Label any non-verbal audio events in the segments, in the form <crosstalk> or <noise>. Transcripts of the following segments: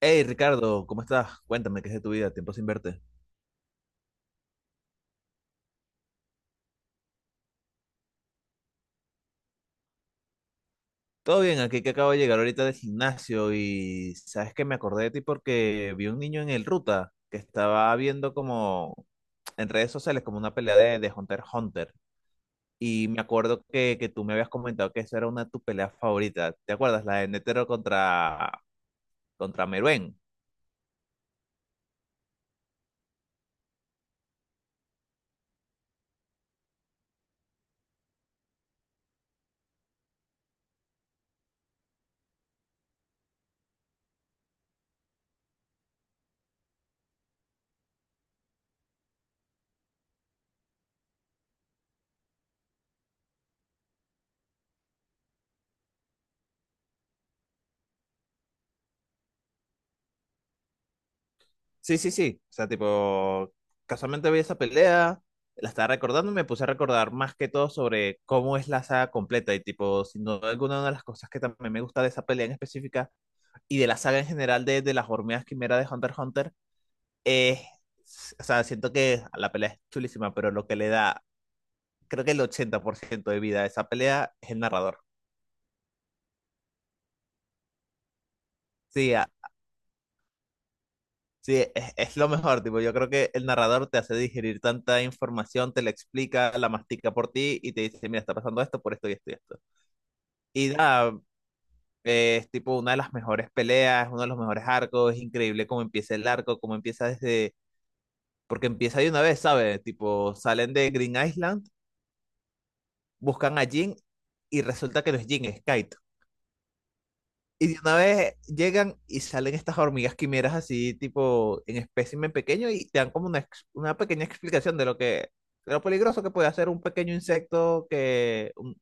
Hey Ricardo, ¿cómo estás? Cuéntame, ¿qué es de tu vida? Tiempo sin verte. Todo bien, aquí que acabo de llegar ahorita del gimnasio y sabes que me acordé de ti porque vi un niño en el Ruta que estaba viendo como en redes sociales como una pelea de Hunter x Hunter. Y me acuerdo que tú me habías comentado que esa era una de tus peleas favoritas. ¿Te acuerdas? La de Netero contra Meruem. Sí, sí, sí. O sea, tipo, casualmente vi esa pelea, la estaba recordando y me puse a recordar más que todo sobre cómo es la saga completa. Y, tipo, sin duda alguna, una de las cosas que también me gusta de esa pelea en específica y de la saga en general de las hormigas quimera de Hunter x Hunter es. O sea, siento que la pelea es chulísima, pero lo que le da, creo que el 80% de vida a esa pelea es el narrador. Sí, a, sí, es lo mejor, tipo, yo creo que el narrador te hace digerir tanta información, te la explica, la mastica por ti y te dice, mira, está pasando esto por esto y esto y esto. Y nada, es tipo una de las mejores peleas, uno de los mejores arcos, es increíble cómo empieza el arco, cómo empieza desde, porque empieza de una vez, ¿sabes? Tipo, salen de Green Island, buscan a Jin y resulta que no es Jin, es Kite. Y de una vez llegan y salen estas hormigas quimeras así, tipo en espécimen pequeño, y te dan como una, una pequeña explicación de lo que, de lo peligroso que puede hacer un pequeño insecto que un-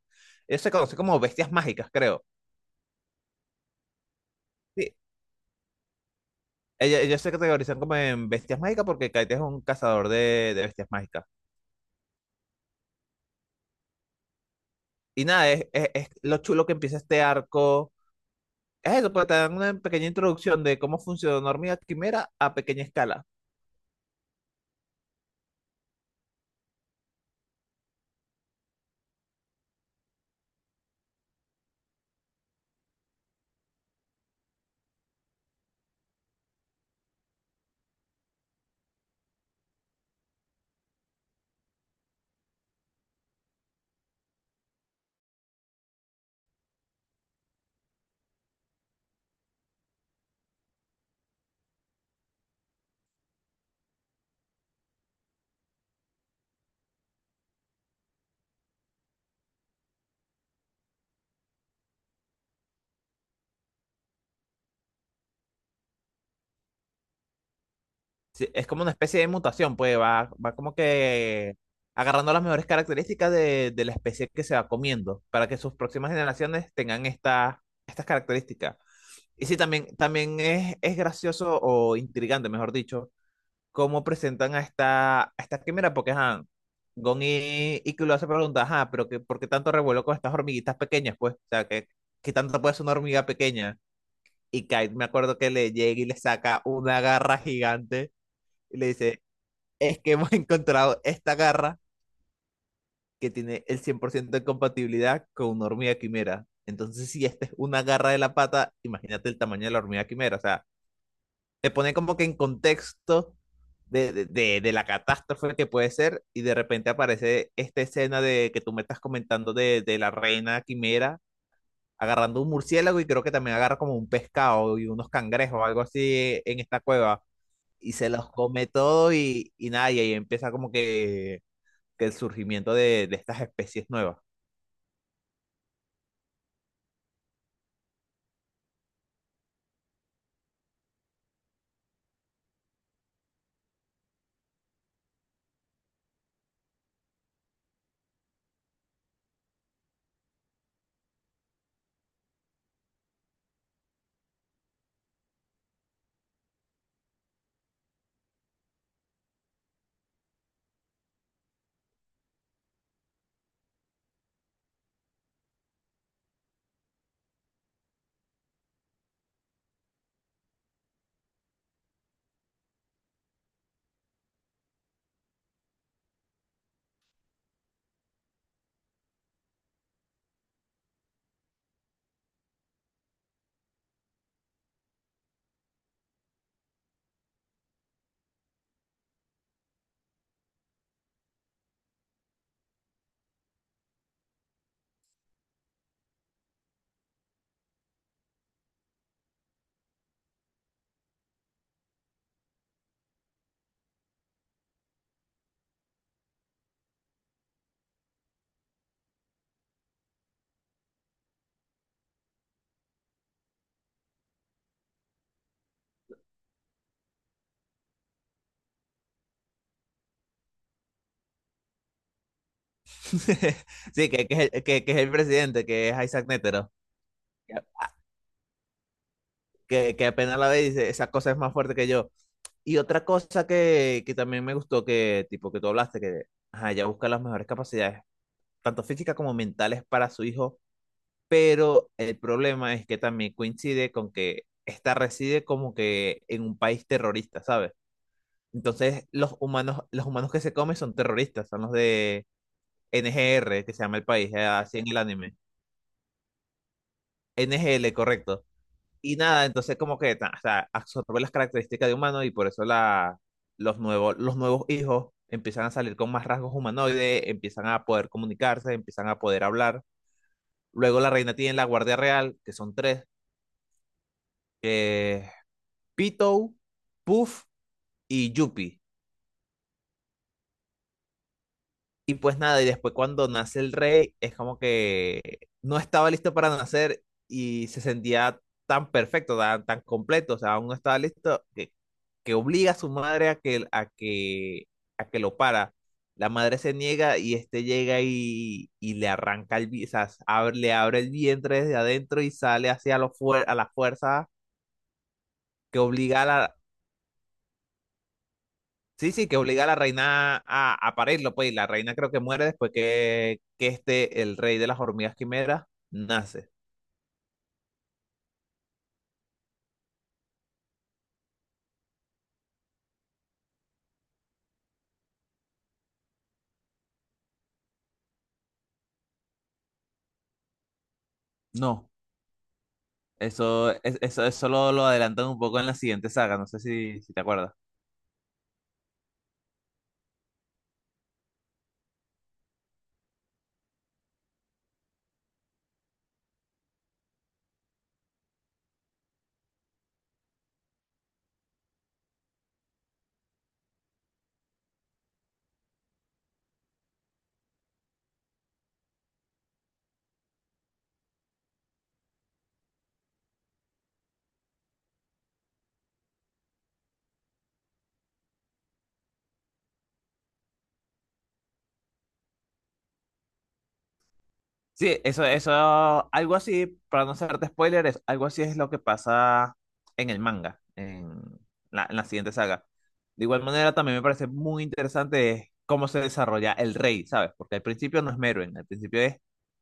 ellos se conocen como bestias mágicas, creo. Sí, ellos se categorizan como en bestias mágicas porque Kite es un cazador de bestias mágicas. Y nada, es, es lo chulo que empieza este arco. Es eso, pues te dan una pequeña introducción de cómo funciona una hormiga quimera a pequeña escala. Sí, es como una especie de mutación, pues va, va como que agarrando las mejores características de la especie que se va comiendo para que sus próximas generaciones tengan esta, estas características. Y sí, también, también es gracioso o intrigante, mejor dicho, cómo presentan a esta quimera, porque ajá, Gon y Killua se preguntan, ajá, pero que, ¿por qué tanto revuelo con estas hormiguitas pequeñas? Pues, o sea, que tanto puede ser una hormiga pequeña. Y Kite, me acuerdo que le llega y le saca una garra gigante y le dice, es que hemos <laughs> encontrado esta garra que tiene el 100% de compatibilidad con una hormiga quimera. Entonces, si esta es una garra de la pata, imagínate el tamaño de la hormiga quimera. O sea, te pone como que en contexto de la catástrofe que puede ser y de repente aparece esta escena de que tú me estás comentando de la reina quimera agarrando un murciélago y creo que también agarra como un pescado y unos cangrejos o algo así en esta cueva y se los come todo y nada, y ahí empieza como que el surgimiento de estas especies nuevas. <laughs> Sí, que es el presidente, que es Isaac Netero, que apenas la ve y dice, esa cosa es más fuerte que yo. Y otra cosa que también me gustó, que tipo que tú hablaste, que ajá, ella busca las mejores capacidades, tanto físicas como mentales, para su hijo, pero el problema es que también coincide con que esta reside como que en un país terrorista, ¿sabes? Entonces los humanos que se comen son terroristas, son los de NGR, que se llama el país, así en el anime. NGL, correcto. Y nada, entonces como que ta- o sea, absorbe las características de humano y por eso la, los nuevos hijos empiezan a salir con más rasgos humanoides, empiezan a poder comunicarse, empiezan a poder hablar. Luego la reina tiene la guardia real, que son tres, que es Pitou, Puff y Yuppie. Y pues nada, y después cuando nace el rey, es como que no estaba listo para nacer y se sentía tan perfecto, tan, tan completo, o sea, aún no estaba listo, que, obliga a su madre a que lo para. La madre se niega y este llega y le arranca el, vi- o sea, le abre el vientre desde adentro y sale hacia a la fuerza que obliga a la, sí, sí, que obliga a la reina a parirlo, pues, y la reina creo que muere después que este, el rey de las hormigas quimeras, nace. No, eso, eso lo adelantan un poco en la siguiente saga, no sé si te acuerdas. Sí, algo así, para no hacerte spoilers, algo así es lo que pasa en el manga, en la siguiente saga. De igual manera, también me parece muy interesante cómo se desarrolla el rey, ¿sabes? Porque al principio no es Merwin, al principio es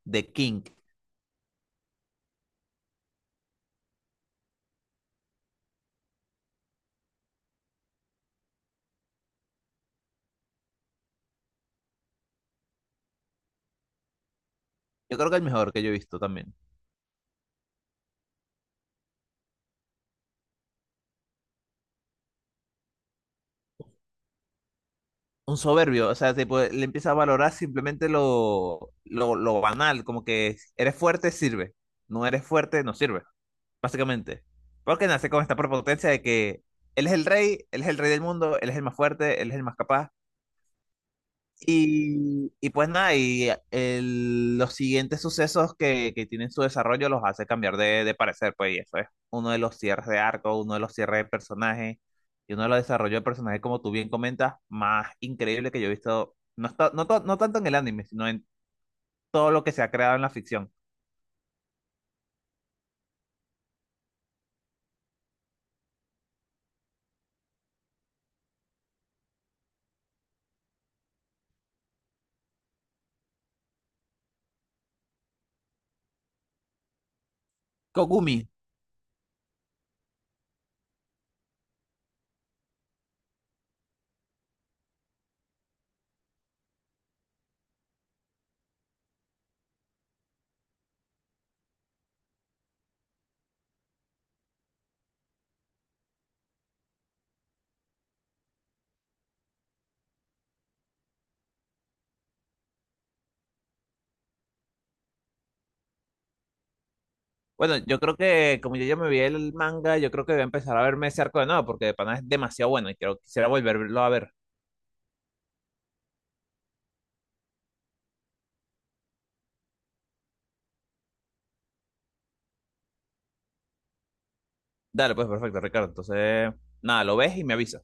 The King. Yo creo que el mejor que yo he visto también. Un soberbio, o sea, tipo, le empieza a valorar simplemente lo banal, como que eres fuerte, sirve. No eres fuerte, no sirve, básicamente. Porque nace con esta prepotencia de que él es el rey, él es el rey del mundo, él es el más fuerte, él es el más capaz. Y pues nada, y los siguientes sucesos que tienen su desarrollo los hace cambiar de parecer, pues, y eso es uno de los cierres de arco, uno de los cierres de personaje, y uno de los desarrollos de personaje, como tú bien comentas, más increíble que yo he visto, no, está, no, no tanto en el anime, sino en todo lo que se ha creado en la ficción. Kogumi. Bueno, yo creo que como yo ya me vi el manga, yo creo que voy a empezar a verme ese arco de nuevo, porque de pana es demasiado bueno y quiero, quisiera volverlo a ver. Dale, pues perfecto, Ricardo. Entonces, nada, lo ves y me avisas.